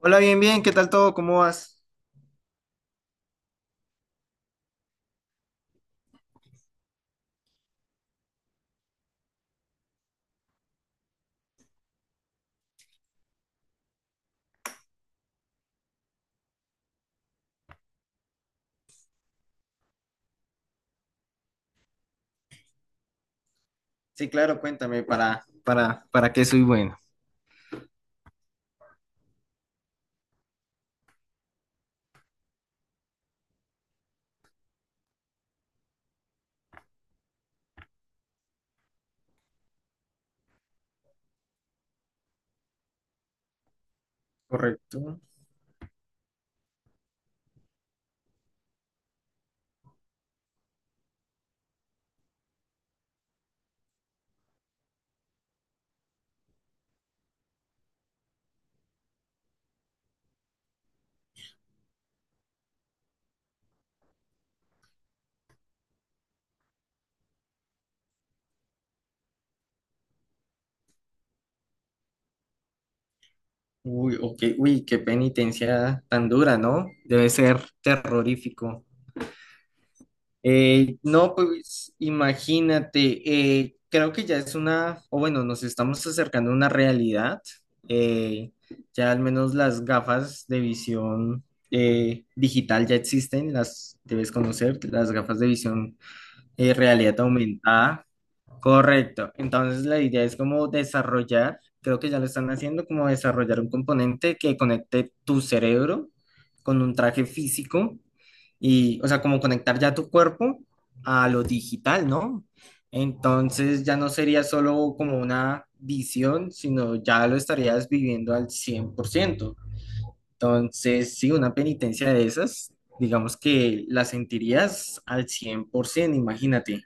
Hola, bien, bien, ¿qué tal todo? ¿Cómo vas? Sí, claro, cuéntame, ¿¿para qué soy bueno? Correcto. Uy, ok, uy, qué penitencia tan dura, ¿no? Debe ser terrorífico. No, pues imagínate, creo que ya es una, o bueno, nos estamos acercando a una realidad. eh, ya al menos las gafas de visión digital ya existen, las debes conocer, las gafas de visión realidad aumentada. Correcto. Entonces la idea es como desarrollar, creo que ya lo están haciendo, como desarrollar un componente que conecte tu cerebro con un traje físico y, o sea, como conectar ya tu cuerpo a lo digital, ¿no? Entonces ya no sería solo como una visión, sino ya lo estarías viviendo al 100%. Entonces, sí, una penitencia de esas, digamos que la sentirías al 100%, imagínate.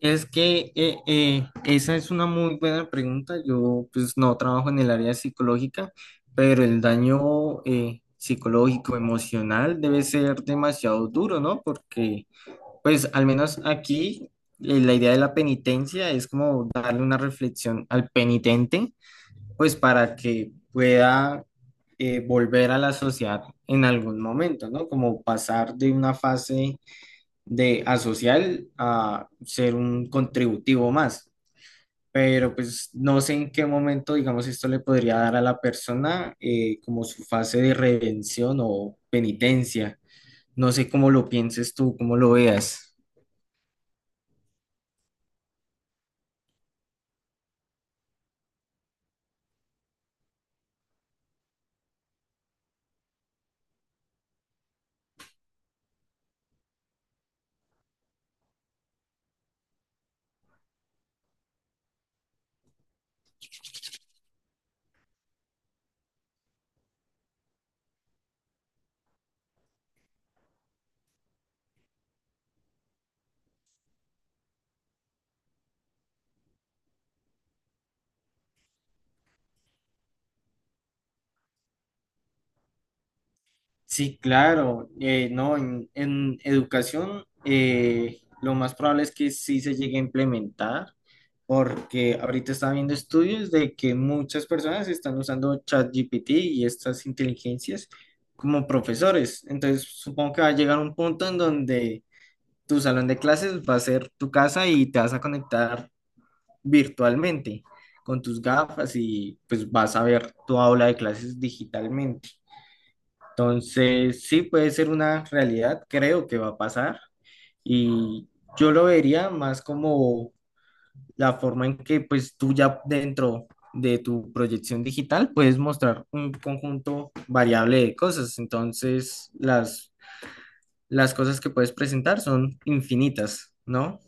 Es que esa es una muy buena pregunta. Yo pues no trabajo en el área psicológica, pero el daño psicológico, emocional debe ser demasiado duro, ¿no? Porque pues al menos aquí la idea de la penitencia es como darle una reflexión al penitente, pues para que pueda volver a la sociedad en algún momento, ¿no? Como pasar de una fase de asociar a ser un contributivo más. Pero pues no sé en qué momento, digamos, esto le podría dar a la persona como su fase de redención o penitencia. No sé cómo lo pienses tú, cómo lo veas. Sí, claro, no, en educación lo más probable es que sí se llegue a implementar, porque ahorita está viendo estudios de que muchas personas están usando ChatGPT y estas inteligencias como profesores. Entonces, supongo que va a llegar un punto en donde tu salón de clases va a ser tu casa y te vas a conectar virtualmente con tus gafas y pues vas a ver tu aula de clases digitalmente. Entonces, sí puede ser una realidad, creo que va a pasar y yo lo vería más como la forma en que pues tú ya dentro de tu proyección digital puedes mostrar un conjunto variable de cosas. Entonces, las cosas que puedes presentar son infinitas, ¿no?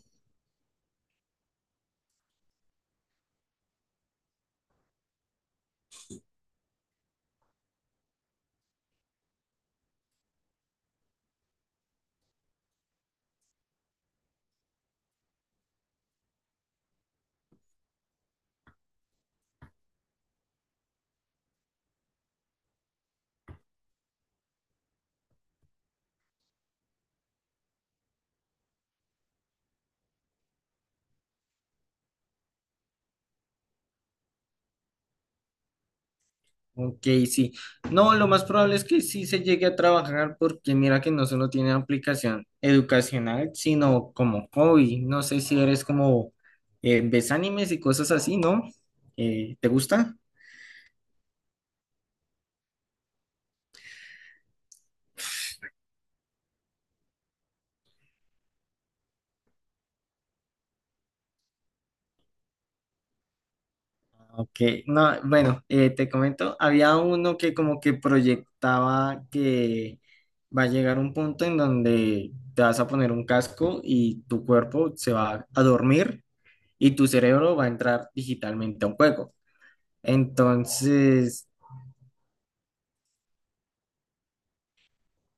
Ok, sí. No, lo más probable es que sí se llegue a trabajar porque mira que no solo tiene aplicación educacional, sino como hobby. No sé si eres como ves animes y cosas así, ¿no? ¿Te gusta? Ok, no, bueno, te comento, había uno que como que proyectaba que va a llegar un punto en donde te vas a poner un casco y tu cuerpo se va a dormir y tu cerebro va a entrar digitalmente a un juego. Entonces,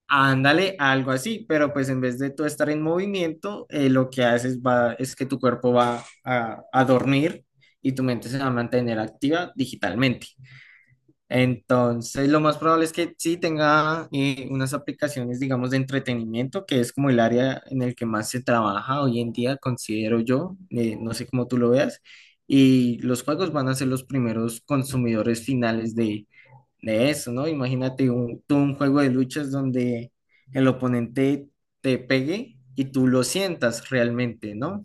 ándale, algo así, pero pues en vez de tú estar en movimiento, lo que haces va, es que tu cuerpo va a dormir y tu mente se va a mantener activa digitalmente. Entonces, lo más probable es que sí tenga unas aplicaciones, digamos, de entretenimiento, que es como el área en el que más se trabaja hoy en día, considero yo, no sé cómo tú lo veas, y los juegos van a ser los primeros consumidores finales de eso, ¿no? Imagínate un, tú un juego de luchas donde el oponente te pegue y tú lo sientas realmente, ¿no?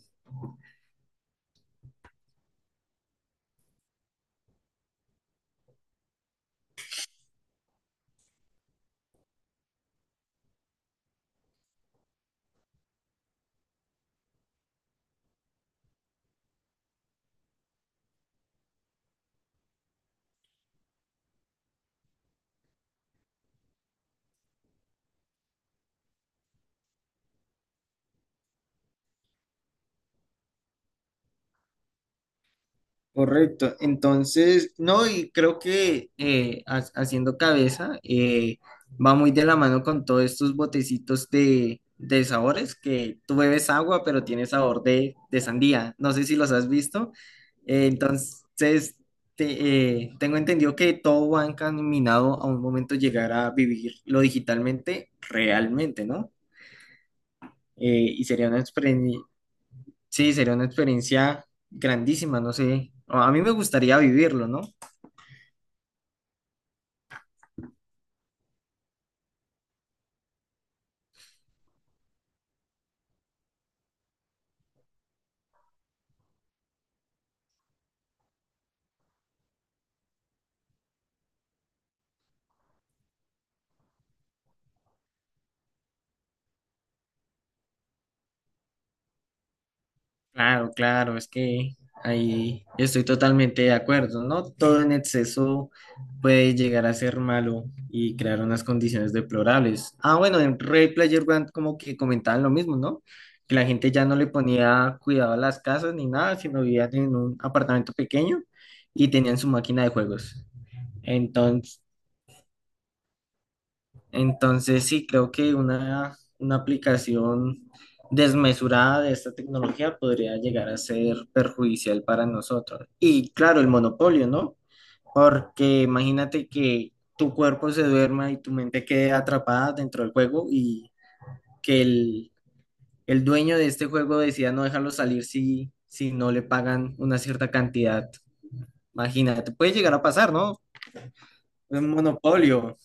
Correcto, entonces, no, y creo que haciendo cabeza va muy de la mano con todos estos botecitos de sabores que tú bebes agua, pero tiene sabor de sandía. No sé si los has visto. Entonces, tengo entendido que todo va encaminado a un momento llegar a vivirlo digitalmente, realmente, ¿no? Y sería una experiencia, sí, sería una experiencia grandísima, no sé. A mí me gustaría vivirlo, ¿no? Claro, claro, es que ahí estoy totalmente de acuerdo, ¿no? Todo en exceso puede llegar a ser malo y crear unas condiciones deplorables. Ah, bueno, en Red Player One como que comentaban lo mismo, ¿no? Que la gente ya no le ponía cuidado a las casas ni nada, sino vivían en un apartamento pequeño y tenían su máquina de juegos. Entonces, sí, creo que una aplicación desmesurada de esta tecnología podría llegar a ser perjudicial para nosotros. Y claro, el monopolio, ¿no? Porque imagínate que tu cuerpo se duerma y tu mente quede atrapada dentro del juego y que el dueño de este juego decida no dejarlo salir si no le pagan una cierta cantidad. Imagínate, puede llegar a pasar, ¿no? Un monopolio.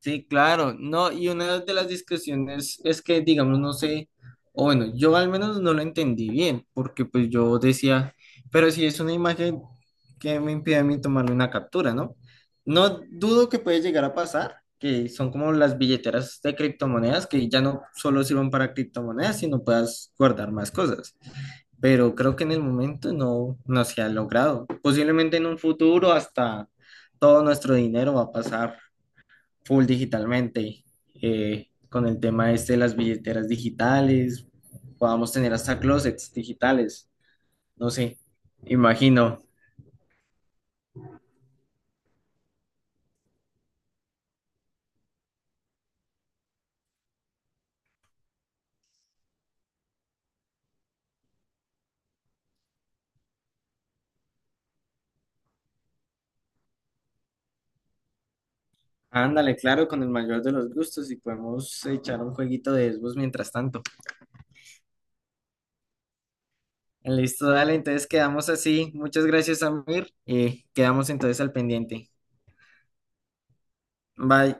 Sí, claro, no, y una de las discusiones es que, digamos, no sé, o bueno, yo al menos no lo entendí bien, porque pues yo decía, pero si es una imagen que me impide a mí tomarle una captura, ¿no? No dudo que puede llegar a pasar, que son como las billeteras de criptomonedas, que ya no solo sirven para criptomonedas, sino puedas guardar más cosas, pero creo que en el momento no se ha logrado. Posiblemente en un futuro hasta todo nuestro dinero va a pasar full digitalmente, con el tema este de las billeteras digitales, podamos tener hasta closets digitales, no sé, imagino. Ándale, claro, con el mayor de los gustos y podemos echar un jueguito de Xbox mientras tanto. Listo, dale, entonces quedamos así. Muchas gracias, Amir, y quedamos entonces al pendiente. Bye.